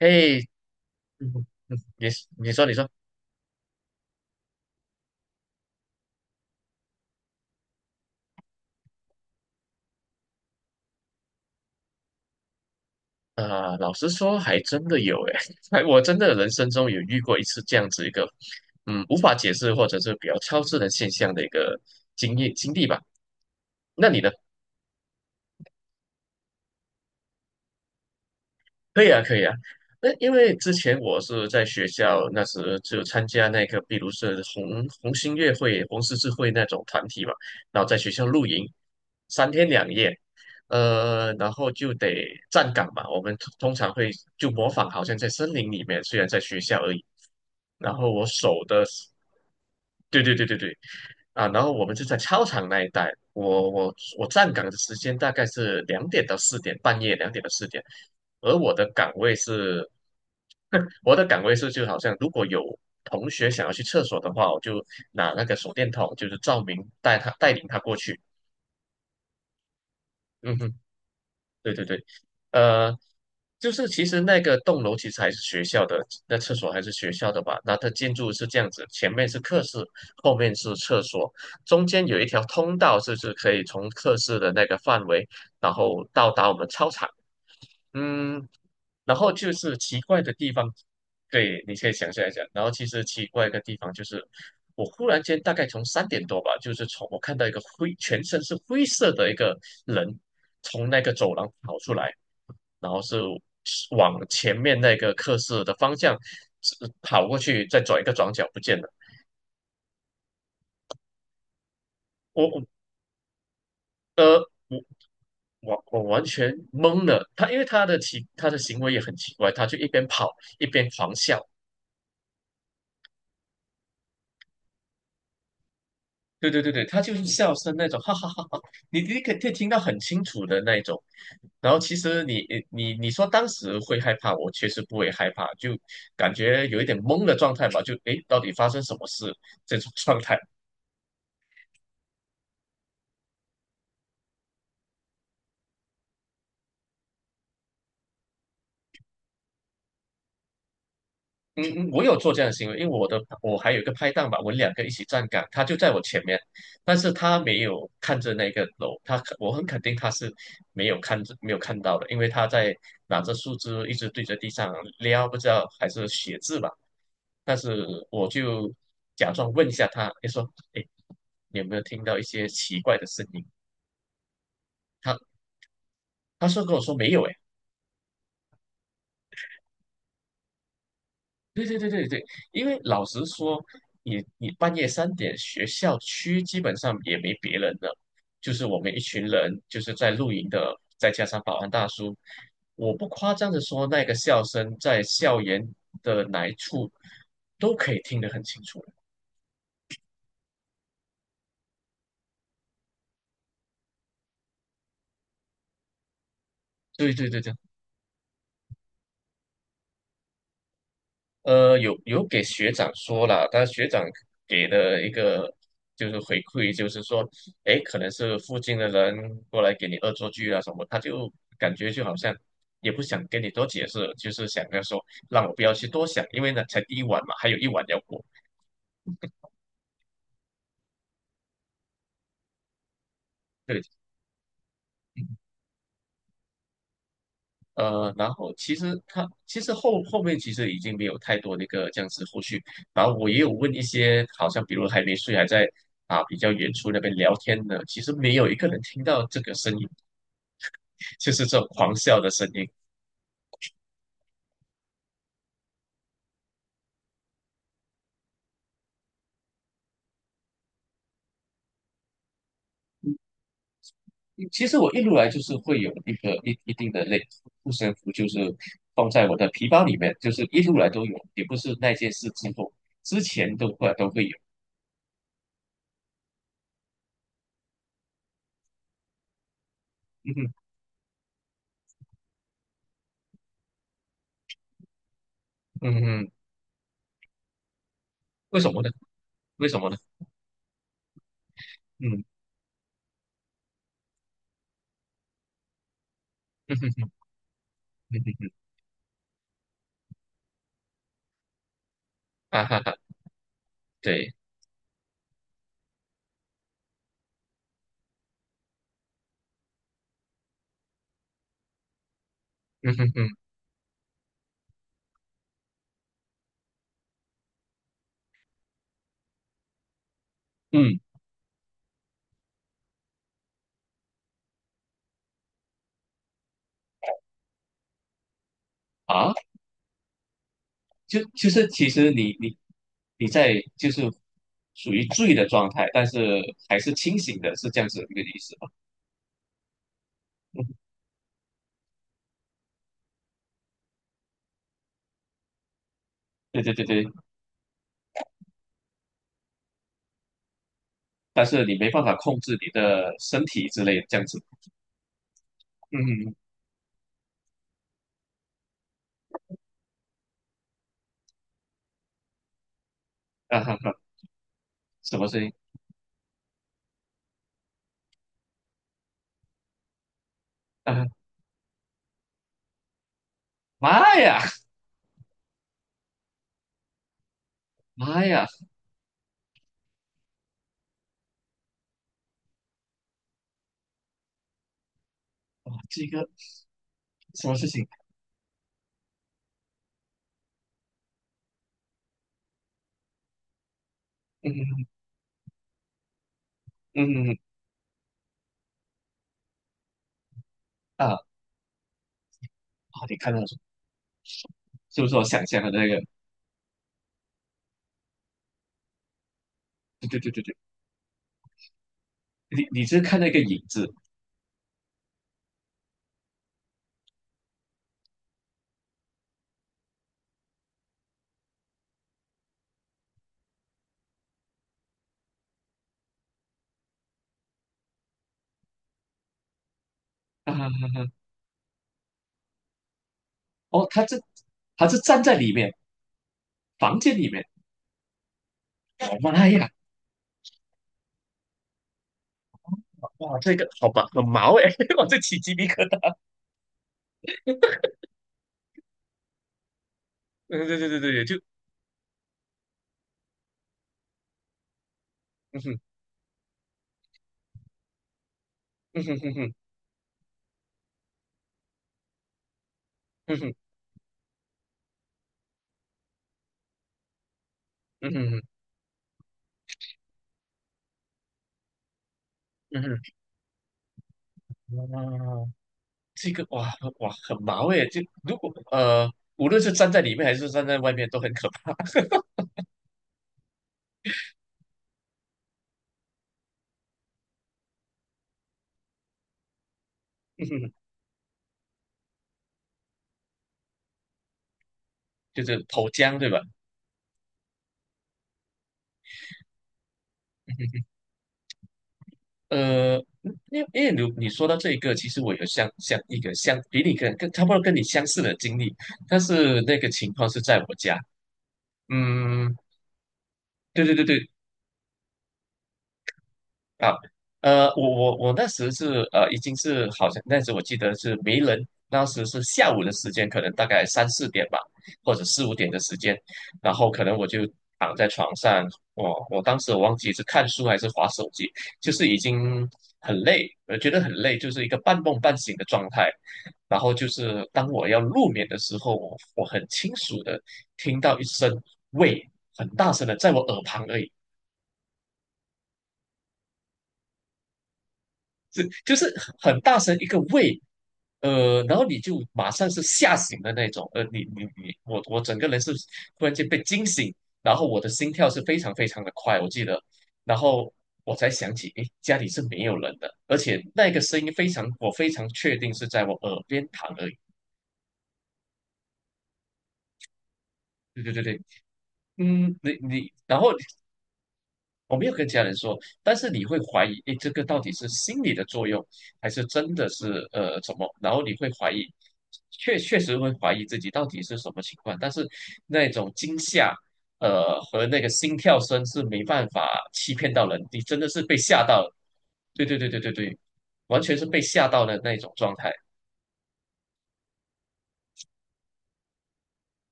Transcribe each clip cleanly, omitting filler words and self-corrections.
嘿，嗯嗯，你说你说，啊，老实说，还真的有诶，哎，我真的人生中有遇过一次这样子一个，无法解释或者是比较超自然现象的一个经验经历吧。那你呢？可以啊，可以啊。那因为之前我是在学校，那时就参加那个，比如是红星乐会、红十字会那种团体嘛，然后在学校露营三天两夜，然后就得站岗嘛。我们通常会就模仿，好像在森林里面，虽然在学校而已。然后我手的对对对对对，啊，然后我们就在操场那一带，我站岗的时间大概是两点到四点，半夜两点到四点，而我的岗位是，我的岗位是，就好像如果有同学想要去厕所的话，我就拿那个手电筒，就是照明带领他过去。嗯哼，对对对，呃，就是其实那个栋楼其实还是学校的，那厕所还是学校的吧？那它建筑是这样子，前面是课室，后面是厕所，中间有一条通道，就是可以从课室的那个范围，然后到达我们操场。嗯，然后就是奇怪的地方，对，你可以想象一下。然后其实奇怪的地方就是，我忽然间大概从三点多吧，就是从我看到一个灰，全身是灰色的一个人从那个走廊跑出来，然后是往前面那个课室的方向跑过去，再转一个转角不见了。我我呃我我完全懵了，他的行为也很奇怪，他就一边跑一边狂笑。对对对对，他就是笑声那种，哈哈哈哈，你可以听到很清楚的那种。然后其实你说当时会害怕，我确实不会害怕，就感觉有一点懵的状态吧，就诶，到底发生什么事这种 状态。嗯嗯，我有做这样的行为，因为我还有一个拍档吧，我们两个一起站岗，他就在我前面，但是他没有看着那个楼，我很肯定他是没有看到的，因为他在拿着树枝一直对着地上撩，不知道还是写字吧，但是我就假装问一下他，就说，哎，你有没有听到一些奇怪的声音？他他说跟我说没有，诶。对对对对对，因为老实说，你半夜三点，学校区基本上也没别人了，就是我们一群人，就是在露营的，再加上保安大叔，我不夸张的说，那个笑声在校园的哪一处都可以听得很清楚。对对对对，有给学长说了，但学长给的一个就是回馈，就是说，哎，可能是附近的人过来给你恶作剧啊什么，他就感觉就好像也不想跟你多解释，就是想要说让我不要去多想，因为呢才第一晚嘛，还有一晚要过。对，然后其实他其实后面其实已经没有太多那个这样子后续，然后我也有问一些，好像比如还没睡，还在啊比较远处那边聊天的，其实没有一个人听到这个声音，就是这种狂笑的声音。其实我一路来就是会有一个一定的类护身符，就是放在我的皮包里面，就是一路来都有，也不是那件事之后，之前都会有。嗯哼，嗯哼，为什么呢？为什么呢？嗯，嗯哼哼，嗯哼哼啊哈哈，对。嗯哼哼，嗯啊，就是其实你在就是属于醉的状态，但是还是清醒的，是这样子一个意思吧？对对对对，但是你没办法控制你的身体之类的这样子。嗯，啊哈哈，什么声音？啊，妈呀，妈呀，哇，这个什么事情？嗯嗯嗯嗯啊啊，你看到什么？是不是我想象的那个？对对对对对，你是看到一个影子啊？哦，他是站在里面，房间里面。我妈呀，哇，这个好吧，很毛哎，我这起鸡皮疙瘩。嗯，对对对对对，嗯哼嗯哼哼哼嗯哼嗯哼嗯哼嗯哼，啊，这个哇哇很毛哎，就如果呃，无论是站在里面还是站在外面都很可怕。嗯哼，就是投江对吧？呃，因为你说到这一个，其实我有相一个相比你跟差不多跟你相似的经历，但是那个情况是在我家。嗯，对对对对，啊，我那时是已经是好像那时我记得是没人，当时是下午的时间，可能大概三四点吧，或者四五点的时间，然后可能我就躺在床上，我当时我忘记是看书还是划手机，就是已经很累，我觉得很累，就是一个半梦半醒的状态。然后就是当我要入眠的时候，我很清楚的听到一声喂，很大声的在我耳旁而已，是就是很大声一个喂。然后你就马上是吓醒的那种，呃，你你你，我整个人是突然间被惊醒，然后我的心跳是非常非常的快，我记得，然后我才想起，诶，家里是没有人的，而且那个声音非常，我非常确定是在我耳边躺而已。对对对对，嗯，然后我没有跟家人说，但是你会怀疑，诶，这个到底是心理的作用，还是真的是怎么？然后你会怀疑，确实会怀疑自己到底是什么情况，但是那种惊吓，和那个心跳声是没办法欺骗到人，你真的是被吓到了，对对对对对对，完全是被吓到的那种状态，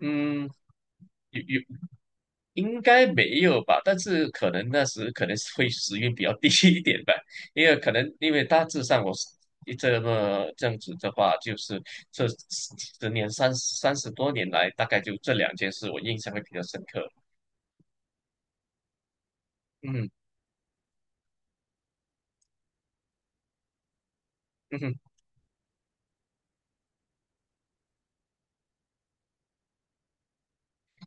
嗯。有有应该没有吧，但是可能那时可能是会时运比较低 一点吧，因为可能因为大致上我是这么这样子的话，就是这十年三十多年来，大概就这两件事我印象会比较深刻。嗯嗯哼，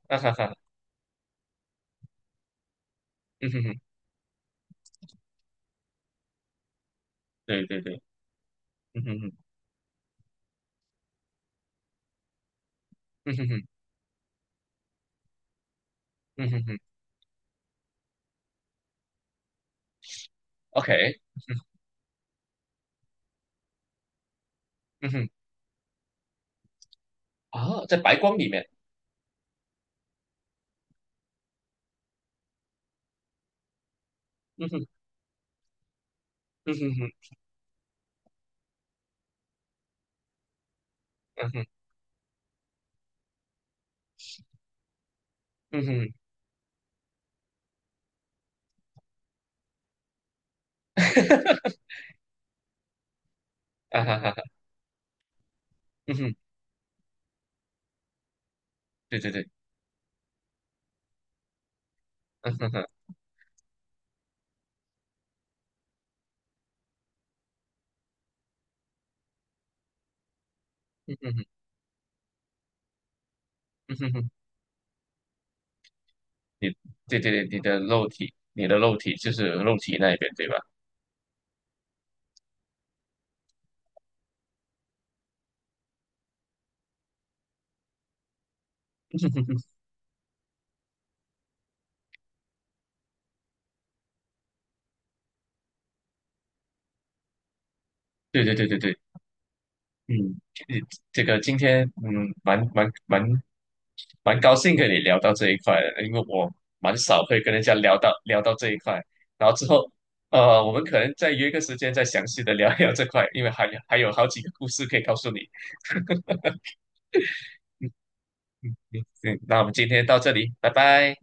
啊哈哈，嗯哼哼，对对对，嗯哼哼，嗯哼哼，嗯哼哼，OK，嗯哼，啊，在白光里面，嗯哼，嗯哼哼，嗯哼，嗯哼，啊哈哈哈，嗯哼，对对对，嗯哼哼，嗯哼哼，嗯哼哼。你对对对，你的肉体，你的肉体就是肉体那一边，对吧？对对对对对，嗯，你这个今天蛮高兴跟你聊到这一块的，因为我蛮少会跟人家聊到这一块，然后之后我们可能再约个时间再详细的聊一聊这块，因为还有好几个故事可以告诉你。嗯，嗯那我们今天到这里，拜拜。